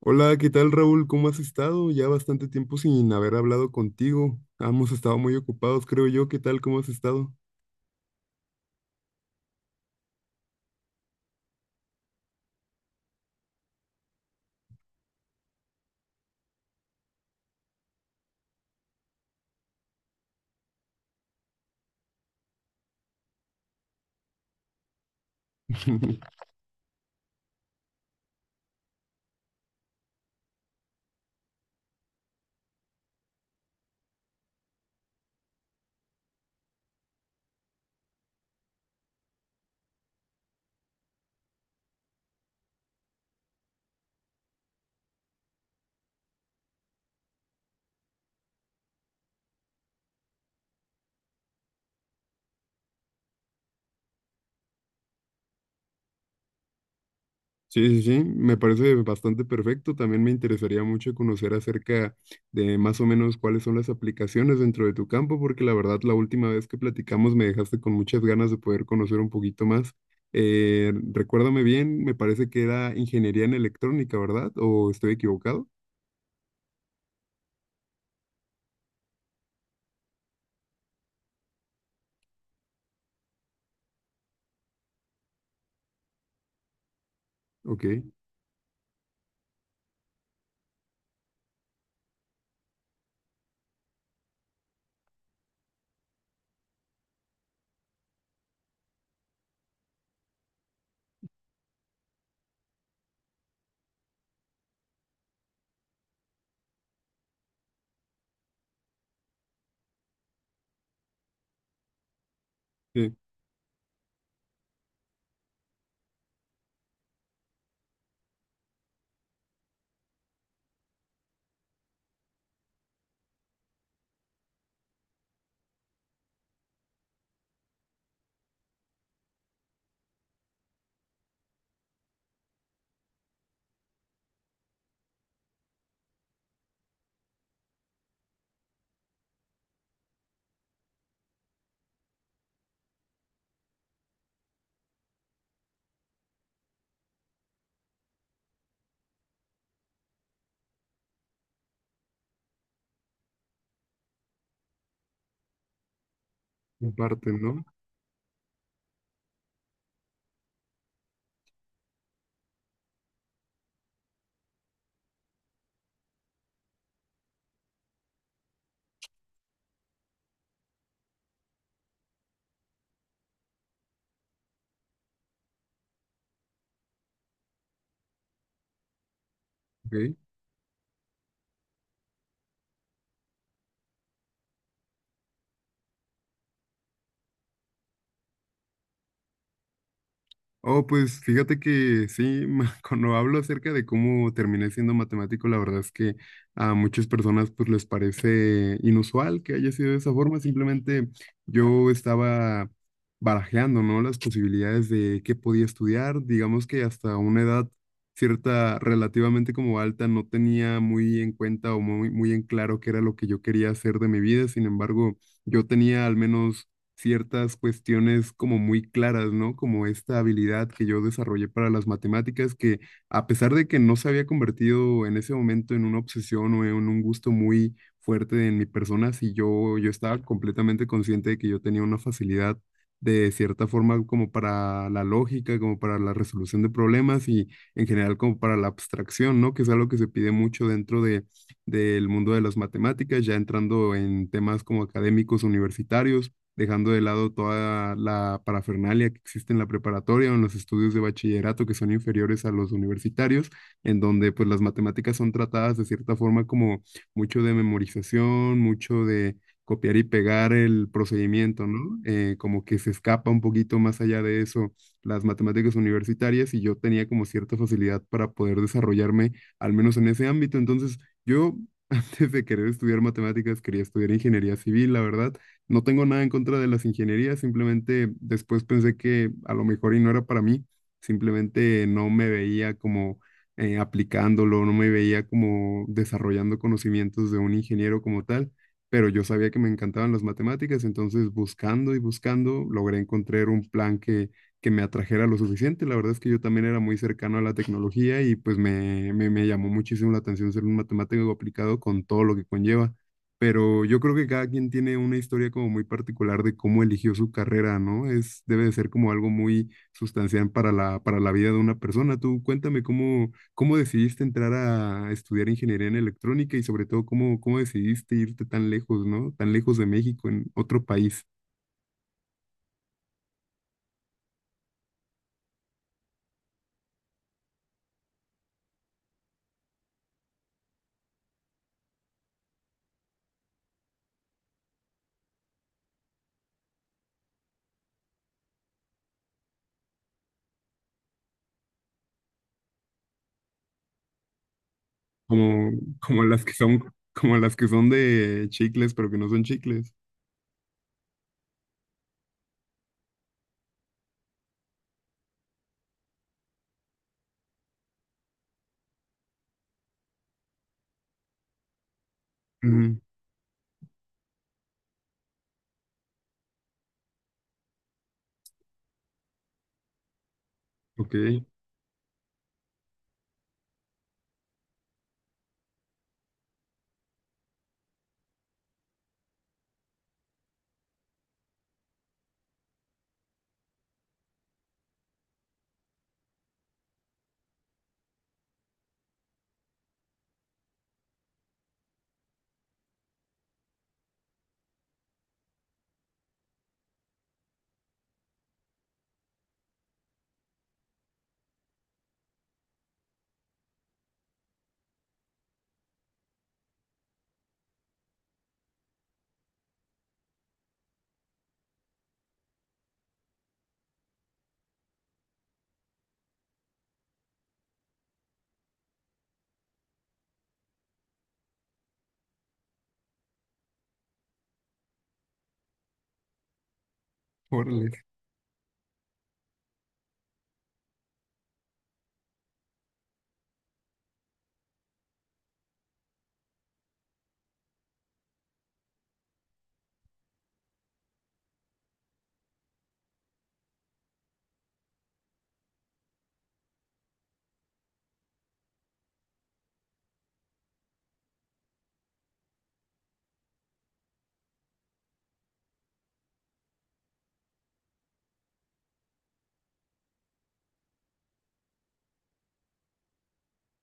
Hola, ¿qué tal Raúl? ¿Cómo has estado? Ya bastante tiempo sin haber hablado contigo. Hemos estado muy ocupados, creo yo. ¿Qué tal? ¿Cómo has estado? Sí, sí, sí, me parece bastante perfecto. También me interesaría mucho conocer acerca de más o menos cuáles son las aplicaciones dentro de tu campo, porque la verdad la última vez que platicamos me dejaste con muchas ganas de poder conocer un poquito más. Recuérdame bien, me parece que era ingeniería en electrónica, ¿verdad? ¿O estoy equivocado? Ok, sí, en parte, ¿no? Ok. Oh, pues fíjate que sí, cuando hablo acerca de cómo terminé siendo matemático, la verdad es que a muchas personas pues les parece inusual que haya sido de esa forma. Simplemente yo estaba barajeando, ¿no? Las posibilidades de qué podía estudiar. Digamos que hasta una edad cierta, relativamente como alta, no tenía muy en cuenta o muy en claro qué era lo que yo quería hacer de mi vida. Sin embargo, yo tenía al menos ciertas cuestiones como muy claras, ¿no? Como esta habilidad que yo desarrollé para las matemáticas, que a pesar de que no se había convertido en ese momento en una obsesión o en un gusto muy fuerte en mi persona, sí yo estaba completamente consciente de que yo tenía una facilidad de cierta forma como para la lógica, como para la resolución de problemas y en general como para la abstracción, ¿no? Que es algo que se pide mucho del mundo de las matemáticas, ya entrando en temas como académicos universitarios, dejando de lado toda la parafernalia que existe en la preparatoria o en los estudios de bachillerato que son inferiores a los universitarios, en donde pues las matemáticas son tratadas de cierta forma como mucho de memorización, mucho de copiar y pegar el procedimiento, ¿no? Como que se escapa un poquito más allá de eso las matemáticas universitarias y yo tenía como cierta facilidad para poder desarrollarme, al menos en ese ámbito. Entonces, yo antes de querer estudiar matemáticas, quería estudiar ingeniería civil, la verdad, no tengo nada en contra de las ingenierías, simplemente después pensé que a lo mejor y no era para mí, simplemente no me veía como aplicándolo, no me veía como desarrollando conocimientos de un ingeniero como tal, pero yo sabía que me encantaban las matemáticas, entonces buscando y buscando logré encontrar un plan que me atrajera lo suficiente. La verdad es que yo también era muy cercano a la tecnología y pues me llamó muchísimo la atención ser un matemático aplicado con todo lo que conlleva. Pero yo creo que cada quien tiene una historia como muy particular de cómo eligió su carrera, ¿no? Es, debe de ser como algo muy sustancial para para la vida de una persona. Tú cuéntame cómo, cómo decidiste entrar a estudiar ingeniería en electrónica y sobre todo cómo, cómo decidiste irte tan lejos, ¿no? Tan lejos de México, en otro país. Como, como las que son, como las que son de chicles, pero que no son chicles. Ujú. Ok, órale.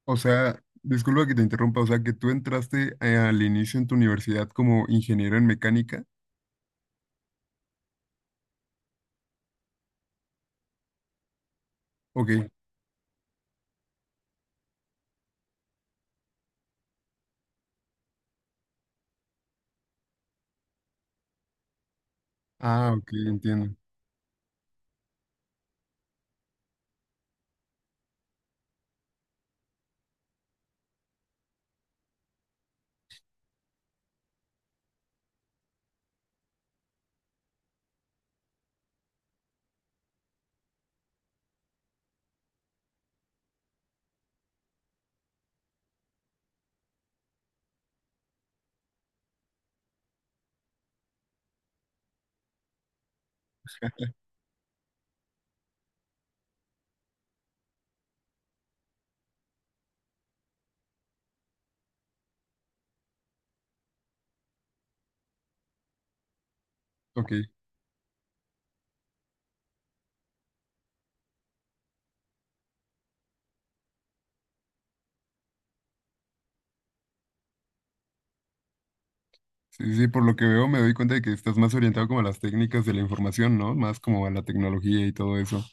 O sea, disculpa que te interrumpa, o sea, que tú entraste al inicio en tu universidad como ingeniero en mecánica. Ok. Ah, ok, entiendo. Ok. Sí, sí, por lo que veo me doy cuenta de que estás más orientado como a las técnicas de la información, ¿no? Más como a la tecnología y todo eso.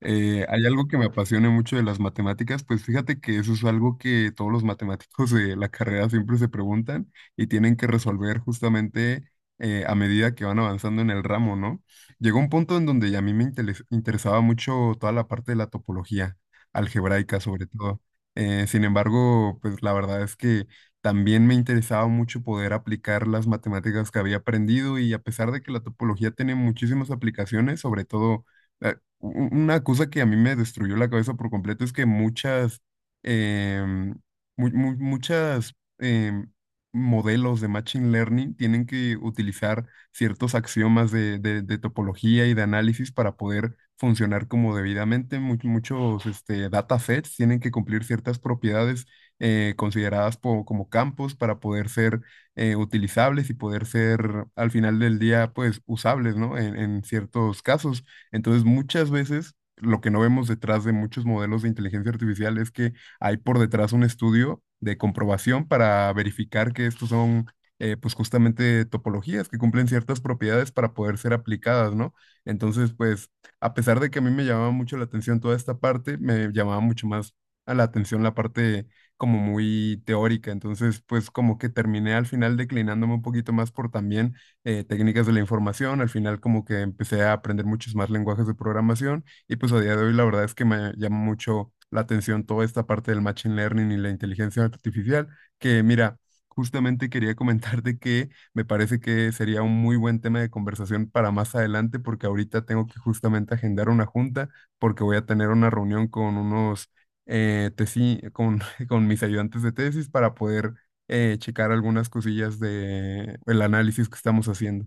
Hay algo que me apasiona mucho de las matemáticas, pues fíjate que eso es algo que todos los matemáticos de la carrera siempre se preguntan y tienen que resolver justamente a medida que van avanzando en el ramo, ¿no? Llegó un punto en donde ya a mí me interesaba mucho toda la parte de la topología algebraica sobre todo. Sin embargo, pues la verdad es que también me interesaba mucho poder aplicar las matemáticas que había aprendido y a pesar de que la topología tiene muchísimas aplicaciones, sobre todo... eh, u- una cosa que a mí me destruyó la cabeza por completo es que em, muchas em, modelos de Machine Learning tienen que utilizar ciertos axiomas de topología y de análisis para poder funcionar como debidamente. Muchos este, datasets tienen que cumplir ciertas propiedades consideradas como campos para poder ser utilizables y poder ser al final del día pues usables, ¿no? En ciertos casos. Entonces, muchas veces lo que no vemos detrás de muchos modelos de inteligencia artificial es que hay por detrás un estudio de comprobación para verificar que estos son, pues justamente topologías que cumplen ciertas propiedades para poder ser aplicadas, ¿no? Entonces, pues, a pesar de que a mí me llamaba mucho la atención toda esta parte, me llamaba mucho más a la atención la parte como muy teórica. Entonces, pues como que terminé al final declinándome un poquito más por también técnicas de la información. Al final como que empecé a aprender muchos más lenguajes de programación y pues a día de hoy la verdad es que me llama mucho la atención toda esta parte del machine learning y la inteligencia artificial, que mira, justamente quería comentarte que me parece que sería un muy buen tema de conversación para más adelante porque ahorita tengo que justamente agendar una junta porque voy a tener una reunión con unos eh, tesi- con, con mis ayudantes de tesis para poder checar algunas cosillas de el análisis que estamos haciendo.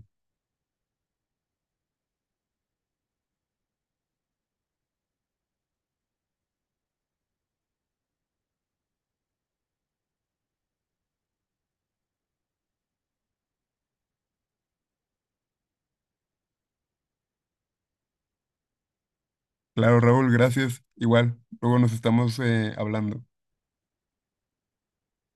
Claro, Raúl, gracias. Igual, luego nos estamos hablando.